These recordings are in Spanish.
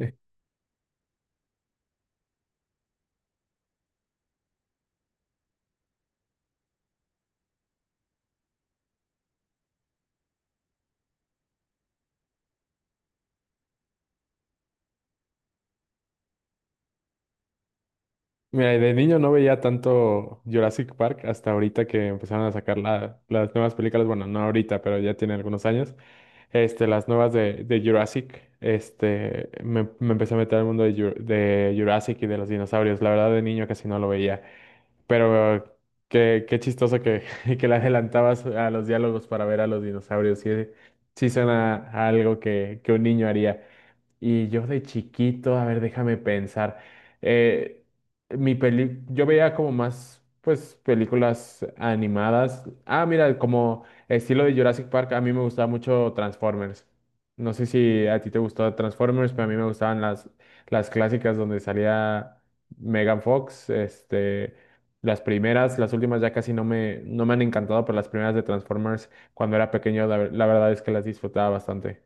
Eh, Mira, de niño no veía tanto Jurassic Park hasta ahorita que empezaron a sacar las nuevas películas. Bueno, no ahorita, pero ya tiene algunos años. Las nuevas de Jurassic. Me empecé a meter al mundo de, de Jurassic y de los dinosaurios. La verdad, de niño casi no lo veía. Pero qué chistoso que le adelantabas a los diálogos para ver a los dinosaurios. Sí, sí suena a algo que un niño haría. Y yo de chiquito, a ver, déjame pensar. eh, mi peli, yo veía como más, pues, películas animadas. Ah, mira, como estilo de Jurassic Park, a mí me gustaba mucho Transformers. No sé si a ti te gustó Transformers, pero a mí me gustaban las clásicas donde salía Megan Fox. Las primeras, las últimas ya casi no no me han encantado, pero las primeras de Transformers, cuando era pequeño, la verdad es que las disfrutaba bastante.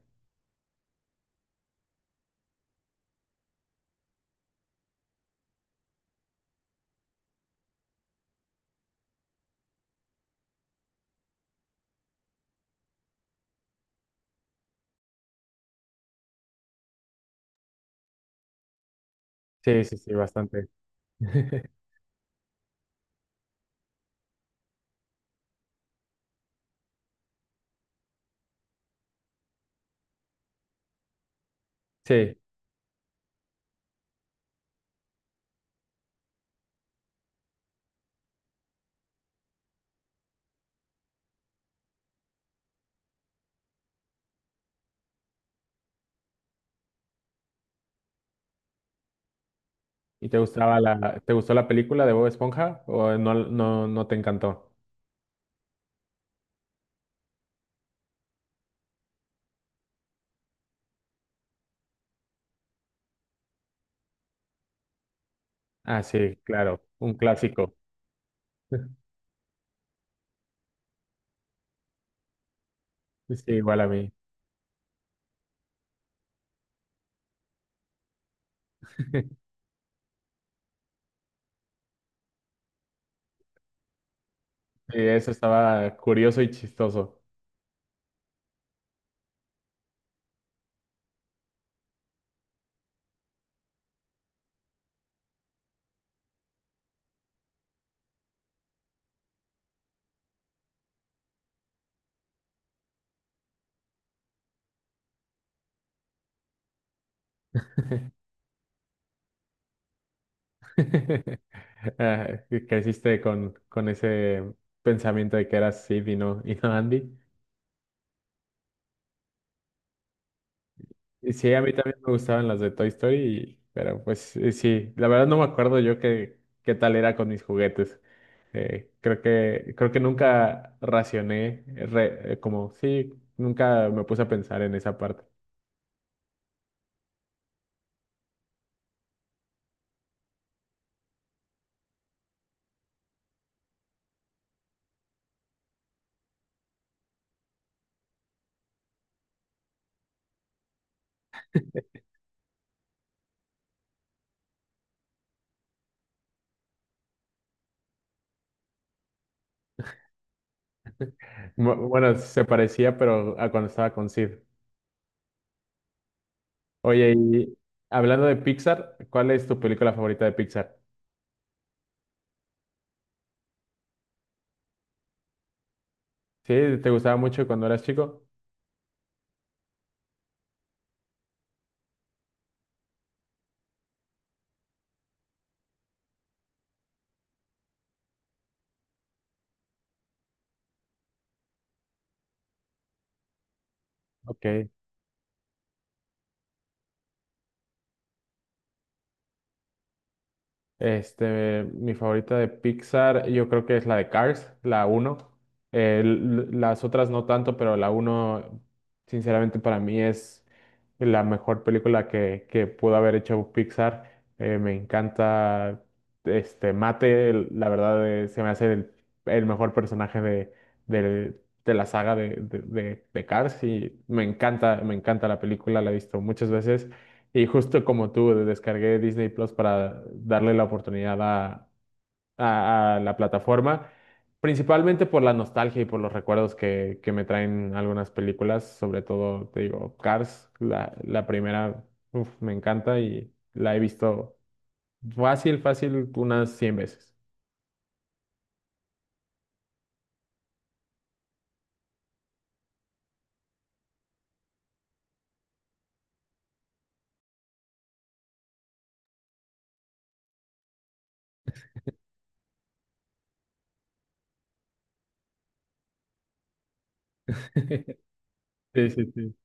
Sí, sí, sí, bastante. Sí. ¿Y te gustaba la, te gustó la película de Bob Esponja o no, no, no te encantó? Ah, sí, claro, un clásico. Sí, igual a mí. Sí, eso estaba curioso y chistoso. Ah, creciste con ese pensamiento de que eras Sid y no Andy. Y sí, a mí también me gustaban las de Toy Story, y- pero pues sí, la verdad no me acuerdo yo qué tal era con mis juguetes. Creo que nunca racioné, como sí, nunca me puse a pensar en esa parte. Bueno, se parecía, pero a cuando estaba con Sid. Oye, y hablando de Pixar, ¿cuál es tu película favorita de Pixar? ¿Sí? ¿Te gustaba mucho cuando eras chico? Ok. Mi favorita de Pixar, yo creo que es la de Cars, la uno. Eh, las otras no tanto, pero la uno, sinceramente, para mí es la mejor película que pudo haber hecho Pixar. Me encanta este Mate, la verdad, se me hace el mejor personaje de la saga de Cars y me encanta la película, la he visto muchas veces. Y justo como tú, descargué Disney Plus para darle la oportunidad a la plataforma, principalmente por la nostalgia y por los recuerdos que me traen algunas películas, sobre todo, te digo, Cars, la primera, uf, me encanta y la he visto fácil, fácil, unas 100 veces. Sí, sí, sí.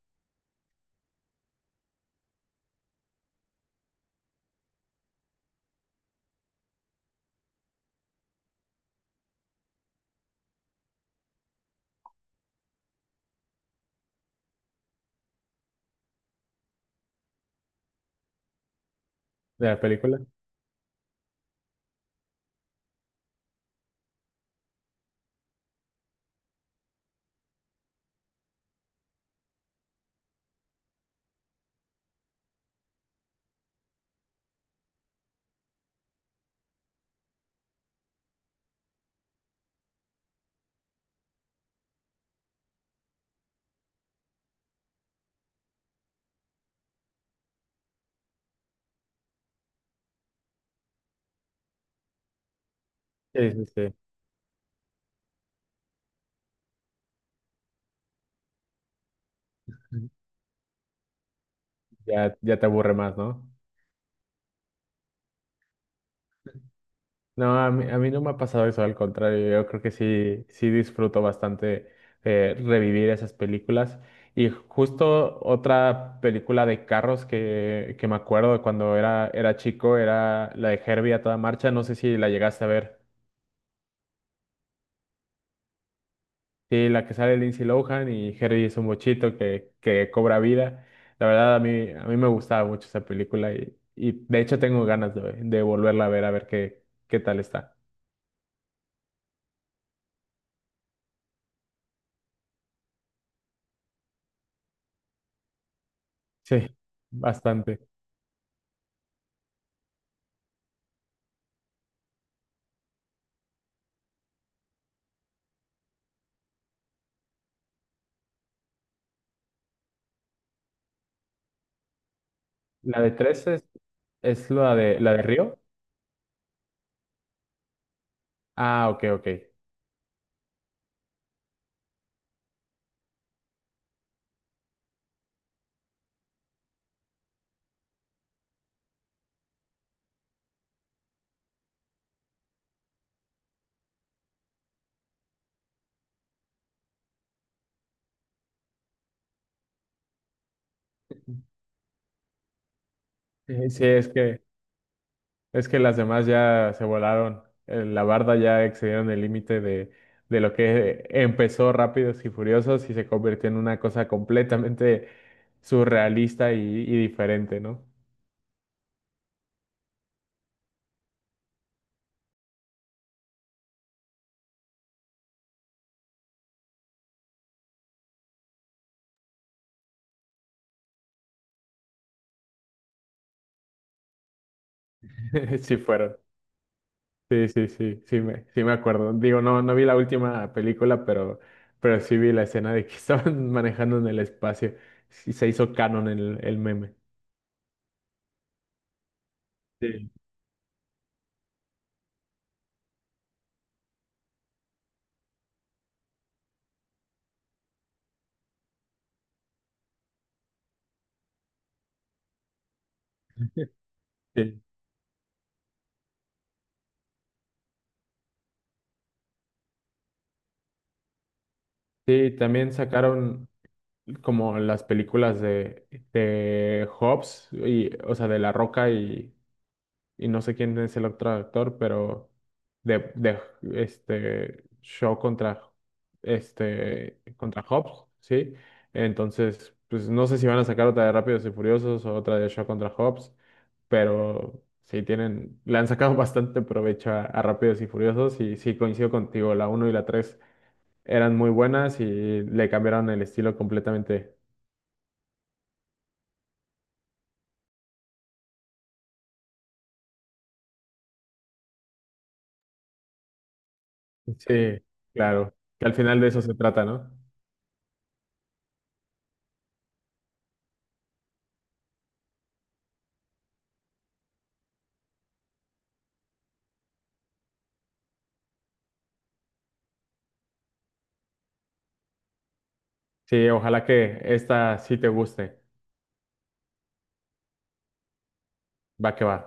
De la película. Sí, sí, sí. Ya, ya te aburre más, ¿no? No, a mí no me ha pasado eso, al contrario, yo creo que sí, sí disfruto bastante revivir esas películas. Y justo otra película de carros que me acuerdo cuando era chico era la de Herbie a toda marcha, no sé si la llegaste a ver. Sí, la que sale Lindsay Lohan y Herbie es un bochito que cobra vida. La verdad, a mí me gustaba mucho esa película y de hecho tengo ganas de volverla a ver qué tal está. Sí, bastante. La de tres es la de Río. Ah, ok, ok. Sí, sí, es que las demás ya se volaron. La barda ya excedieron el límite de lo que empezó Rápidos y Furiosos y se convirtió en una cosa completamente surrealista y diferente, ¿no? Sí fueron. Sí, sí, sí, sí me acuerdo. Digo, no vi la última película, pero sí vi la escena de que estaban manejando en el espacio. Sí, se hizo canon el meme. Sí. Sí, sí, también sacaron como las películas de Hobbs, y, o sea, de La Roca y no sé quién es el otro actor, pero de este Shaw contra este contra Hobbs, ¿sí? Entonces, pues no sé si van a sacar otra de Rápidos y Furiosos o otra de Shaw contra Hobbs, pero sí tienen, le han sacado bastante provecho a Rápidos y Furiosos y sí coincido contigo, la uno y la 3 eran muy buenas y le cambiaron el estilo completamente. Sí, claro, que al final de eso se trata, ¿no? Sí, ojalá que esta sí te guste. Va que va.